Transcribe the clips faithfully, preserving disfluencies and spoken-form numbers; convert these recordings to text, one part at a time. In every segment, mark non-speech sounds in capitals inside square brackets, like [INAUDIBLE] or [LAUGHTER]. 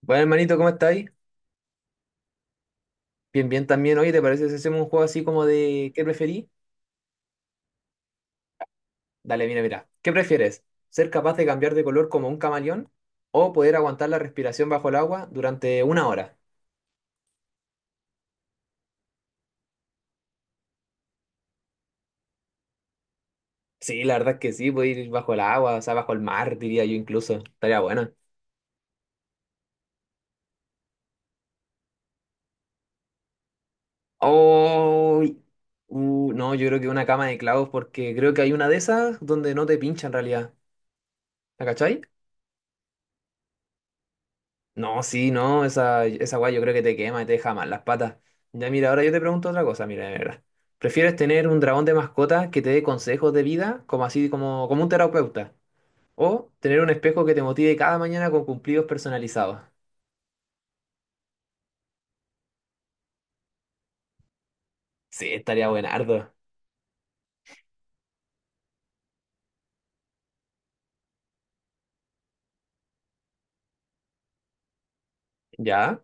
Bueno, hermanito, ¿cómo estáis? Bien, bien también. Oye, ¿te parece si hacemos un juego así como de qué preferí? Dale, mira, mira. ¿Qué prefieres? ¿Ser capaz de cambiar de color como un camaleón o poder aguantar la respiración bajo el agua durante una hora? Sí, la verdad es que sí, puedo ir bajo el agua, o sea, bajo el mar, diría yo incluso. Estaría bueno. Oh, uh, no, yo creo que una cama de clavos porque creo que hay una de esas donde no te pincha en realidad. ¿La cachai? No, sí, no, esa, esa guay yo creo que te quema y te deja mal las patas. Ya mira, ahora yo te pregunto otra cosa, mira, de verdad. ¿Prefieres tener un dragón de mascota que te dé consejos de vida, como así, como, como un terapeuta? ¿O tener un espejo que te motive cada mañana con cumplidos personalizados? Sí, estaría buenardo. ¿Ya?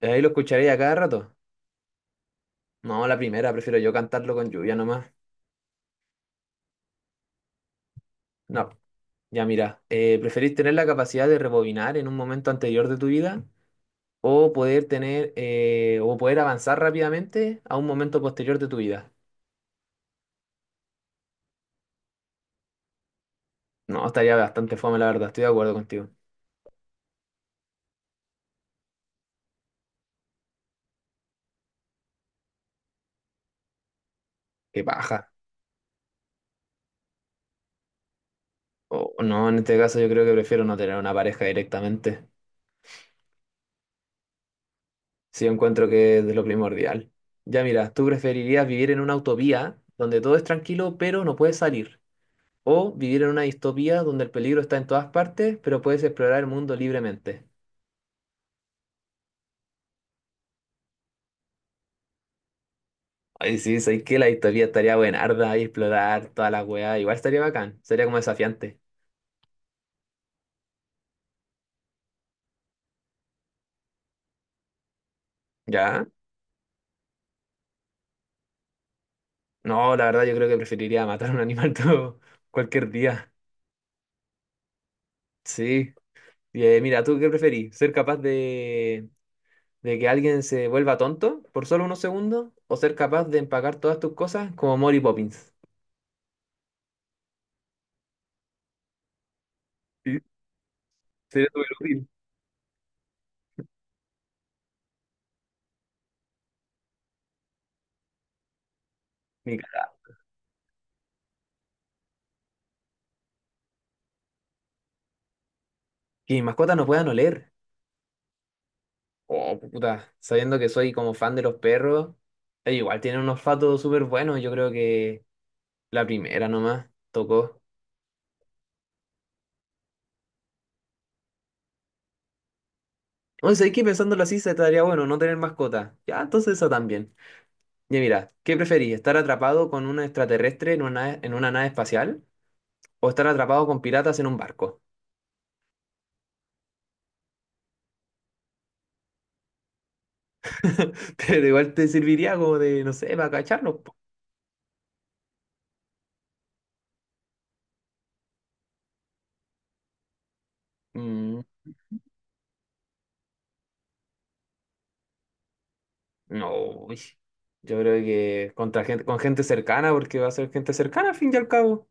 Ahí lo escucharé a cada rato. No, la primera, prefiero yo cantarlo con lluvia nomás. No, ya mira, eh, ¿preferís tener la capacidad de rebobinar en un momento anterior de tu vida o poder tener eh, o poder avanzar rápidamente a un momento posterior de tu vida. No, estaría bastante fome, la verdad, estoy de acuerdo contigo. Qué paja. O o no, en este caso yo creo que prefiero no tener una pareja directamente, si yo encuentro que es de lo primordial. Ya mira, ¿tú preferirías vivir en una utopía donde todo es tranquilo pero no puedes salir? ¿O vivir en una distopía donde el peligro está en todas partes pero puedes explorar el mundo libremente? Ay, sí, sabes que la distopía estaría buenarda y explorar toda la weá, igual estaría bacán, sería como desafiante. ¿Ya? No, la verdad yo creo que preferiría matar a un animal [LAUGHS] todo cualquier día. Sí. Y, eh, mira, ¿tú qué preferís? ¿Ser capaz de, de que alguien se vuelva tonto por solo unos segundos? ¿O ser capaz de empacar todas tus cosas como Mary Poppins? Sí, sería súper útil. Mi cagada. Que mis mascotas no puedan oler. Oh, puta. Sabiendo que soy como fan de los perros, ellos igual tienen un olfato súper bueno. Yo creo que la primera nomás tocó. Oye, ¿sabes qué? Pensándolo así, se estaría bueno no tener mascota. Ya, entonces eso también. Y mira, ¿qué preferís? ¿Estar atrapado con un extraterrestre en una, en una nave espacial o estar atrapado con piratas en un barco? [LAUGHS] Pero igual te serviría como de, no sé, para cacharlos. Po. Mm, no, uy. Yo creo que contra gente, con gente cercana, porque va a ser gente cercana al fin y al cabo.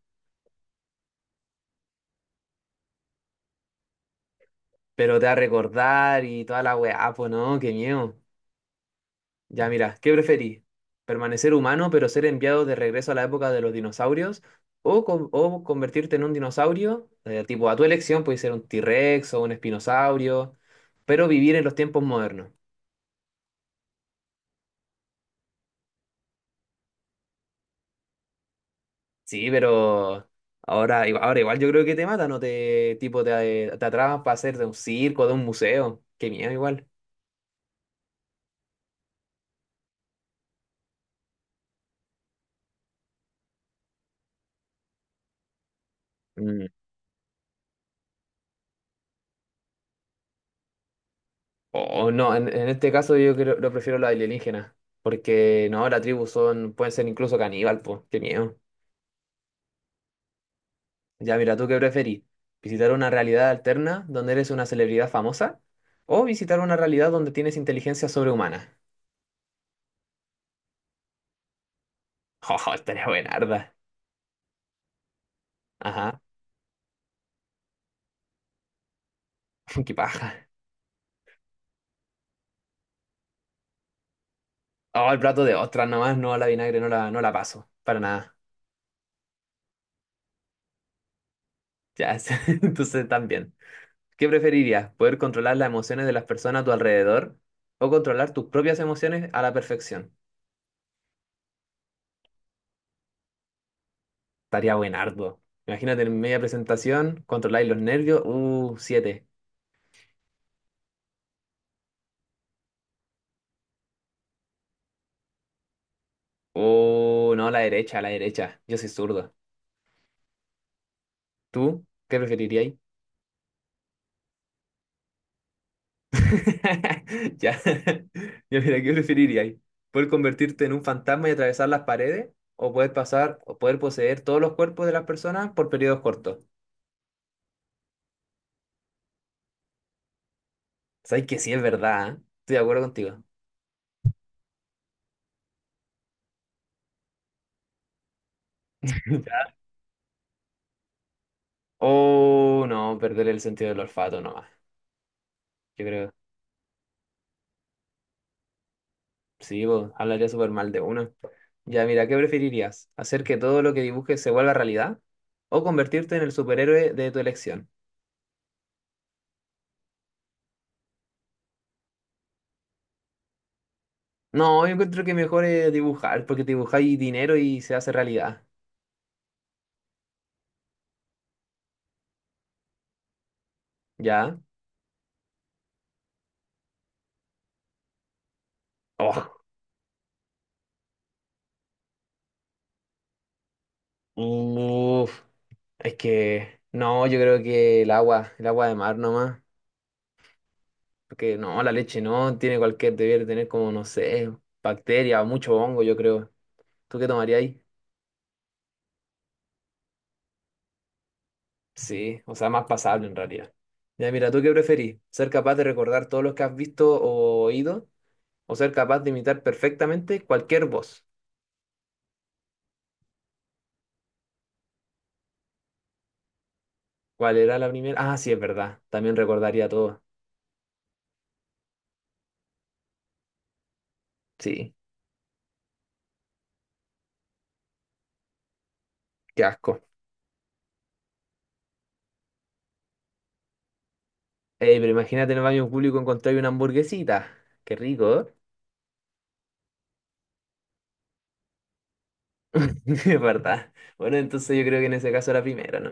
Pero te va a recordar y toda la weá, pues no, qué miedo. Ya, mira, ¿qué preferís? ¿Permanecer humano pero ser enviado de regreso a la época de los dinosaurios? ¿O, con- o convertirte en un dinosaurio? Eh, tipo, a tu elección, puede ser un T-Rex o un espinosaurio, pero vivir en los tiempos modernos. Sí, pero ahora, igu- ahora igual yo creo que te matan o te, tipo, te, te atrapan para hacer de un circo, de un museo. Qué miedo igual. Mm. O no, en, en este caso yo creo, lo prefiero la alienígena, porque no, la tribu son, pueden ser incluso caníbal, pues, qué miedo. Ya mira, ¿tú qué preferís? ¿Visitar una realidad alterna donde eres una celebridad famosa? ¿O visitar una realidad donde tienes inteligencia sobrehumana? [LAUGHS] ¡Oh, estaría buenarda! Ajá, [LAUGHS] qué paja. Oh, el plato de ostras nomás, no la vinagre, no la, no la paso. Para nada. Ya, [LAUGHS] sí, entonces también. ¿Qué preferirías? ¿Poder controlar las emociones de las personas a tu alrededor? ¿O controlar tus propias emociones a la perfección? Estaría buenardo. Imagínate en media presentación, controláis los nervios. Uh, siete. Oh, no, la derecha, la derecha. Yo soy zurdo. ¿Tú qué preferirías? [LAUGHS] Ya. [LAUGHS] Ya, mira, ¿qué preferirías? ¿Poder convertirte en un fantasma y atravesar las paredes? ¿O poder pasar o poder poseer todos los cuerpos de las personas por periodos cortos? Sabes que sí es verdad, ¿eh? Estoy de acuerdo contigo. [LAUGHS] Oh, no, perder el sentido del olfato nomás. Yo creo, sí, vos, hablaría súper mal de uno. Ya, mira, ¿qué preferirías? ¿Hacer que todo lo que dibujes se vuelva realidad? ¿O convertirte en el superhéroe de tu elección? No, yo encuentro que mejor es dibujar, porque dibujáis dinero y se hace realidad. ¿Ya? Oh, uf, es que no, yo creo que el agua, el agua de mar nomás. Porque no, la leche no, tiene cualquier, debiera tener como, no sé, bacteria, mucho hongo, yo creo. ¿Tú qué tomarías ahí? Sí, o sea, más pasable en realidad. Ya, mira, ¿tú qué preferís? ¿Ser capaz de recordar todos los que has visto o oído? ¿O ser capaz de imitar perfectamente cualquier voz? ¿Cuál era la primera? Ah, sí, es verdad. También recordaría todo. Sí. Qué asco. Ey, pero imagínate en el baño público encontrar una hamburguesita. Qué rico, ¿eh? [LAUGHS] Es verdad. Bueno, entonces yo creo que en ese caso era primero, ¿no?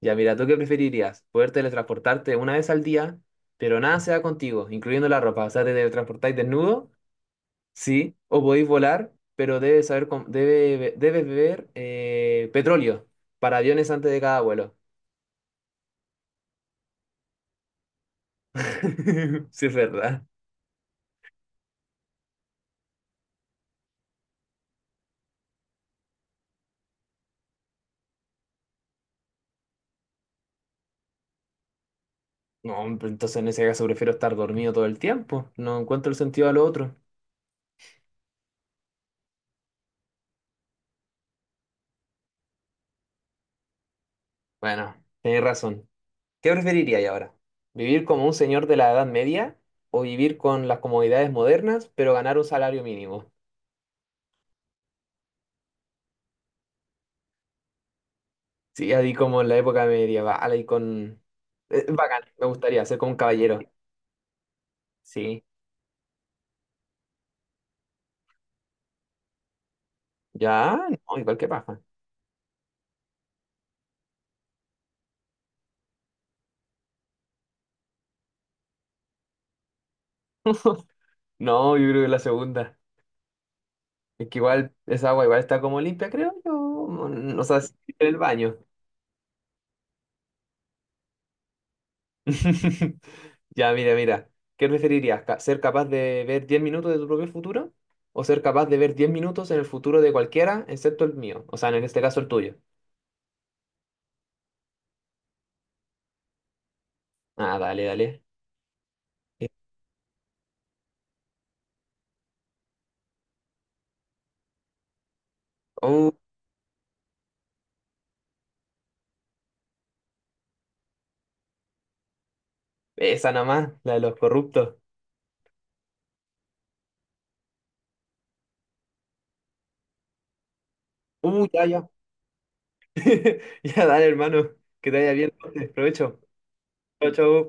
Ya, mira, ¿tú qué preferirías? Poder teletransportarte una vez al día, pero nada se da contigo, incluyendo la ropa. O sea, te teletransportáis desnudo, sí. O podéis volar, pero debes saber, com- debe, be- debes beber eh, petróleo para aviones antes de cada vuelo. [LAUGHS] Sí, es verdad. No, pero entonces en ese caso prefiero estar dormido todo el tiempo. No encuentro el sentido a lo otro. Bueno, tenés razón. ¿Qué preferiríais ahora? ¿Vivir como un señor de la Edad Media o vivir con las comodidades modernas, pero ganar un salario mínimo? Sí, así como en la época medieval, ahí con... eh, bacán, me gustaría ser como un caballero. Sí, ya, no, igual que paja. No, yo creo que la segunda. Es que igual esa agua igual está como limpia, creo yo. O sea, sí, en el baño. [LAUGHS] Ya, mira, mira. ¿Qué preferirías? Ca- ¿Ser capaz de ver diez minutos de tu propio futuro? ¿O ser capaz de ver diez minutos en el futuro de cualquiera, excepto el mío? O sea, en este caso el tuyo. Ah, dale, dale. Eh, Uh, esa nada más, la de los corruptos. Uh, ya, ya. [LAUGHS] Ya, dale, hermano. Que te vaya bien. Provecho. Chau, chau.